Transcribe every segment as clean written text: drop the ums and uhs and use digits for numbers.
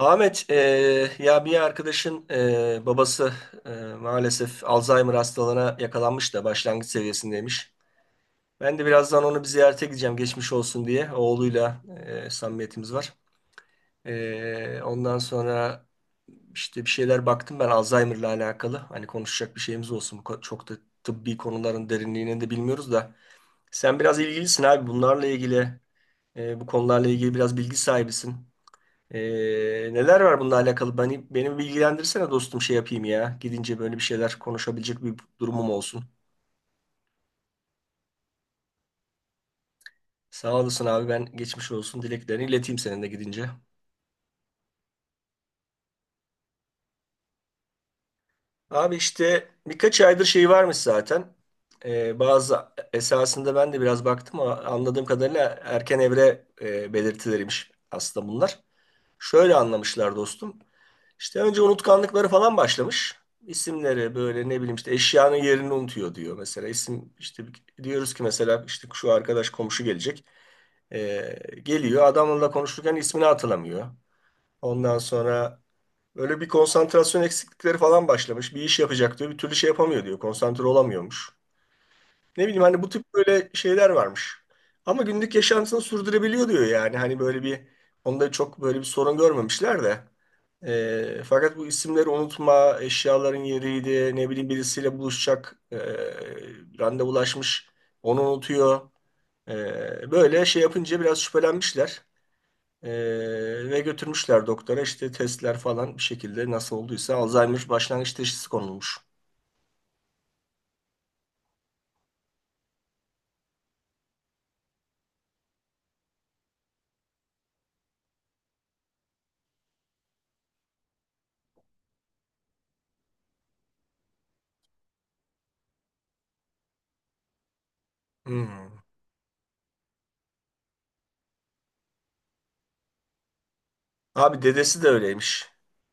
Ahmet, ya bir arkadaşın babası e, maalesef Alzheimer hastalığına yakalanmış da başlangıç seviyesindeymiş. Ben de birazdan onu bir ziyarete gideceğim geçmiş olsun diye. Oğluyla samimiyetimiz var. Ondan sonra işte bir şeyler baktım ben Alzheimer'la alakalı. Hani konuşacak bir şeyimiz olsun. Çok da tıbbi konuların derinliğini de bilmiyoruz da. Sen biraz ilgilisin abi bunlarla ilgili, bu konularla ilgili biraz bilgi sahibisin. Neler var bununla alakalı? Beni bilgilendirsene dostum şey yapayım ya. Gidince böyle bir şeyler konuşabilecek bir durumum olsun. Sağ olasın abi, ben geçmiş olsun dileklerini ileteyim senin de gidince. Abi işte birkaç aydır şey varmış zaten. Bazı Esasında ben de biraz baktım ama anladığım kadarıyla erken evre belirtileriymiş aslında bunlar. Şöyle anlamışlar dostum. İşte önce unutkanlıkları falan başlamış. İsimleri böyle ne bileyim işte eşyanın yerini unutuyor diyor. Mesela İsim işte diyoruz ki mesela işte şu arkadaş komşu gelecek. Geliyor adamla konuşurken ismini hatırlamıyor. Ondan sonra böyle bir konsantrasyon eksiklikleri falan başlamış. Bir iş yapacak diyor. Bir türlü şey yapamıyor diyor. Konsantre olamıyormuş. Ne bileyim hani bu tip böyle şeyler varmış. Ama günlük yaşantısını sürdürebiliyor diyor yani. Hani böyle bir onda çok böyle bir sorun görmemişler de. Fakat bu isimleri unutma, eşyaların yeriydi, ne bileyim birisiyle buluşacak, randevulaşmış, onu unutuyor. Böyle şey yapınca biraz şüphelenmişler. Ve götürmüşler doktora işte testler falan bir şekilde nasıl olduysa Alzheimer başlangıç teşhisi konulmuş. Hmm. Abi dedesi de öyleymiş.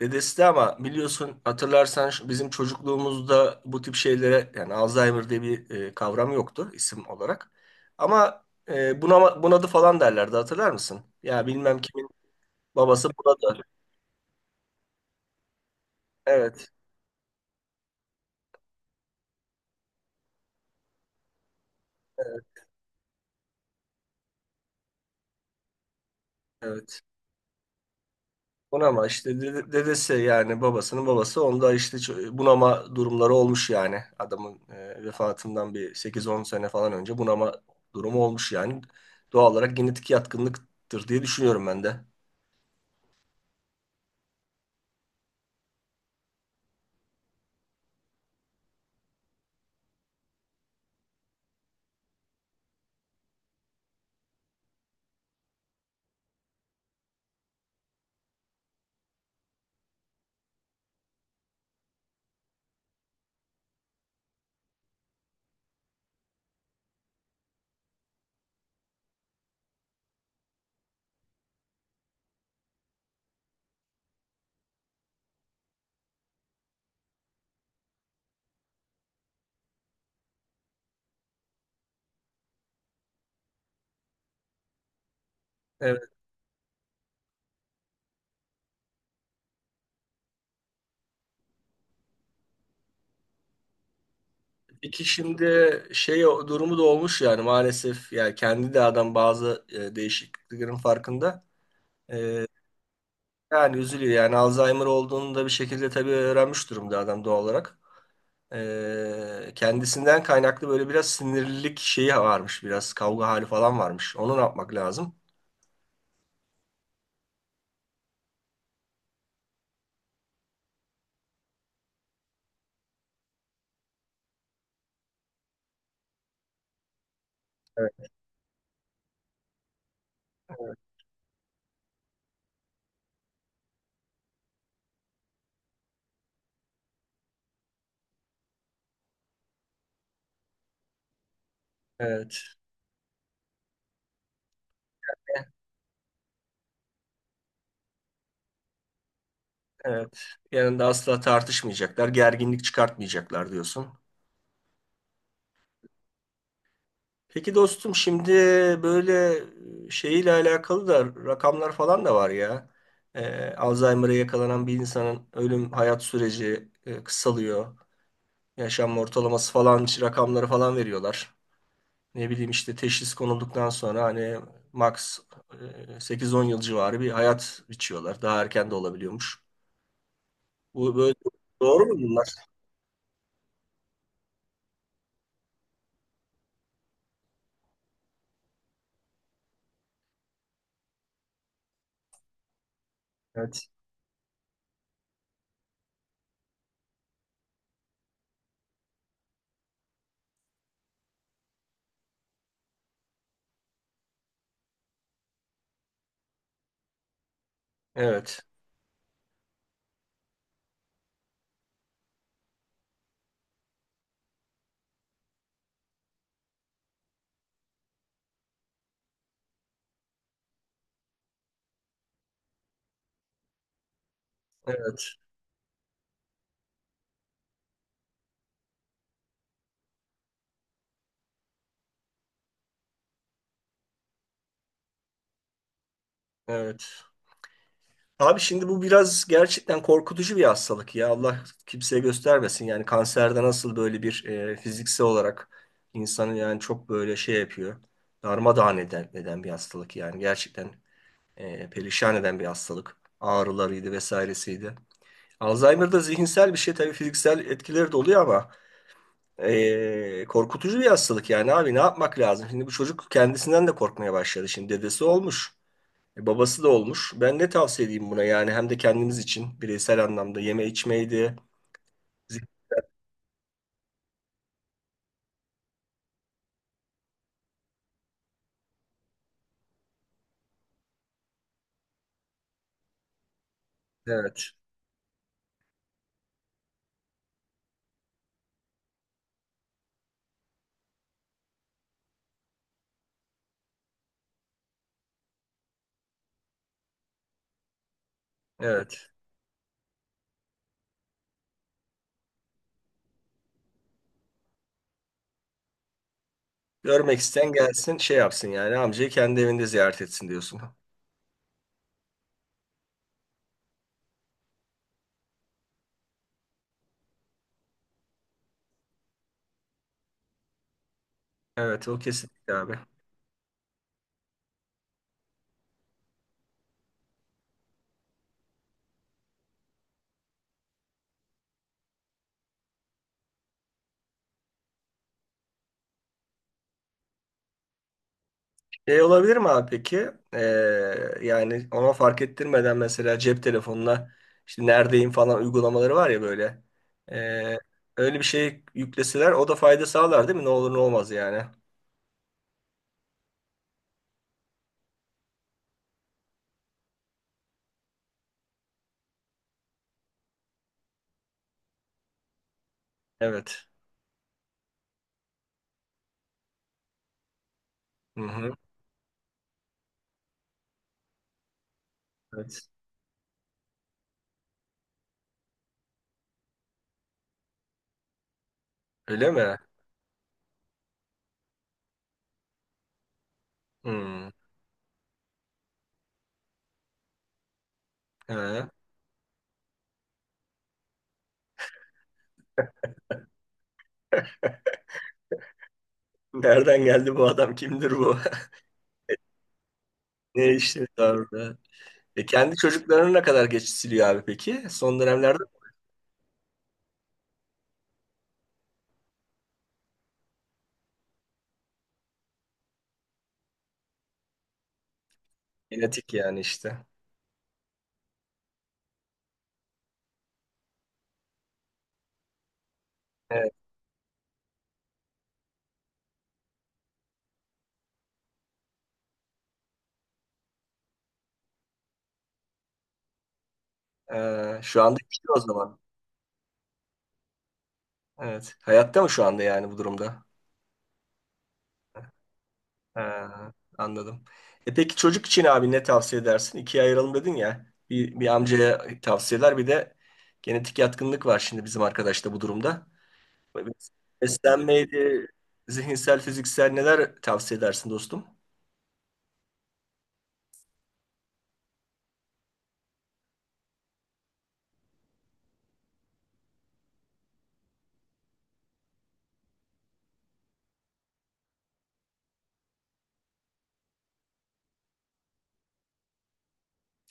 Dedesi de ama biliyorsun hatırlarsan bizim çocukluğumuzda bu tip şeylere yani Alzheimer diye bir kavram yoktu isim olarak. Ama bunama, bunadı falan derlerdi hatırlar mısın? Ya bilmem kimin babası bunadı. Evet, evet. Bunama işte dedesi yani babasının babası onda işte bunama durumları olmuş yani. Adamın vefatından bir 8-10 sene falan önce bunama durumu olmuş yani. Doğal olarak genetik yatkınlıktır diye düşünüyorum ben de. Evet. İki şimdi şey durumu da olmuş yani maalesef yani kendi de adam bazı değişikliklerin farkında. E, Yani üzülüyor yani Alzheimer olduğunu da bir şekilde tabii öğrenmiş durumda adam doğal olarak. Kendisinden kaynaklı böyle biraz sinirlilik şeyi varmış. Biraz kavga hali falan varmış. Onu ne yapmak lazım? Evet. Evet, evet. Yanında asla tartışmayacaklar, gerginlik çıkartmayacaklar diyorsun. Peki dostum şimdi böyle şeyle alakalı da rakamlar falan da var ya. Alzheimer'a yakalanan bir insanın ölüm hayat süreci kısalıyor. Yaşam ortalaması falan rakamları falan veriyorlar. Ne bileyim işte teşhis konulduktan sonra hani max 8-10 yıl civarı bir hayat biçiyorlar. Daha erken de olabiliyormuş. Bu böyle doğru mu bunlar? Evet. Evet. Evet. Evet. Abi şimdi bu biraz gerçekten korkutucu bir hastalık ya. Allah kimseye göstermesin. Yani kanserde nasıl böyle bir fiziksel olarak insanı yani çok böyle şey yapıyor. Darmadağın eden bir hastalık yani. Gerçekten perişan eden bir hastalık. Ağrılarıydı vesairesiydi. Alzheimer'da zihinsel bir şey tabii fiziksel etkileri de oluyor ama korkutucu bir hastalık yani abi ne yapmak lazım? Şimdi bu çocuk kendisinden de korkmaya başladı. Şimdi dedesi olmuş, babası da olmuş. Ben ne tavsiye edeyim buna yani hem de kendimiz için bireysel anlamda yeme içmeydi. Zihinsel. Evet, evet. Görmek isteyen gelsin şey yapsın yani amcayı kendi evinde ziyaret etsin diyorsun. Evet o kesinlikle abi. Şey olabilir mi abi peki? Yani ona fark ettirmeden mesela cep telefonuna işte neredeyim falan uygulamaları var ya böyle. Ee, Öyle bir şey yükleseler o da fayda sağlar değil mi? Ne olur ne olmaz yani. Evet. Hı hı. Evet. Öyle mi? Hmm. He. Nereden geldi bu adam? Kimdir bu? Ne işi orada? E kendi çocuklarını ne kadar geç siliyor abi peki? Son dönemlerde genetik yani işte. Evet. Şu anda gidiyor o zaman. Evet. Hayatta mı şu anda yani bu durumda? Ha, anladım. E peki çocuk için abi ne tavsiye edersin? İkiye ayıralım dedin ya. Bir, amcaya tavsiyeler bir de genetik yatkınlık var şimdi bizim arkadaşta bu durumda. Beslenmeydi, zihinsel, fiziksel neler tavsiye edersin dostum?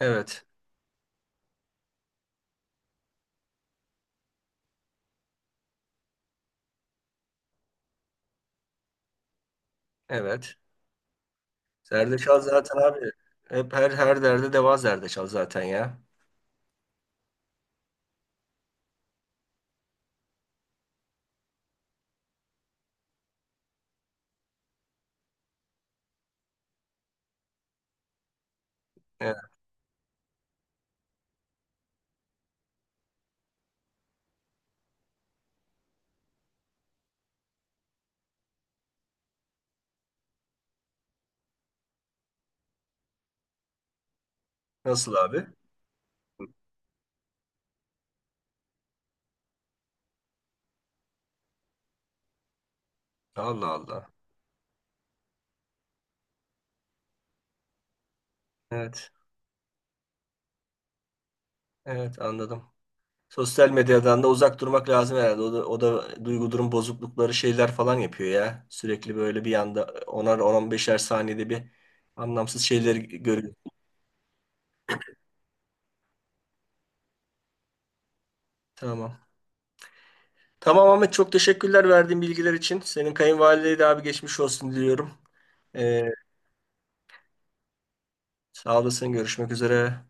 Evet. Evet. Zerdeçal zaten abi. Hep her derde deva zerdeçal zaten ya. Evet. Nasıl abi? Allah Allah. Evet. Evet anladım. Sosyal medyadan da uzak durmak lazım herhalde. O da, duygu durum bozuklukları şeyler falan yapıyor ya. Sürekli böyle bir anda onar 10 beşer saniyede bir anlamsız şeyleri görüyor. Tamam. Tamam Ahmet çok teşekkürler verdiğin bilgiler için. Senin kayınvalideye de abi geçmiş olsun diliyorum. Ee, Sağ olasın. Görüşmek üzere.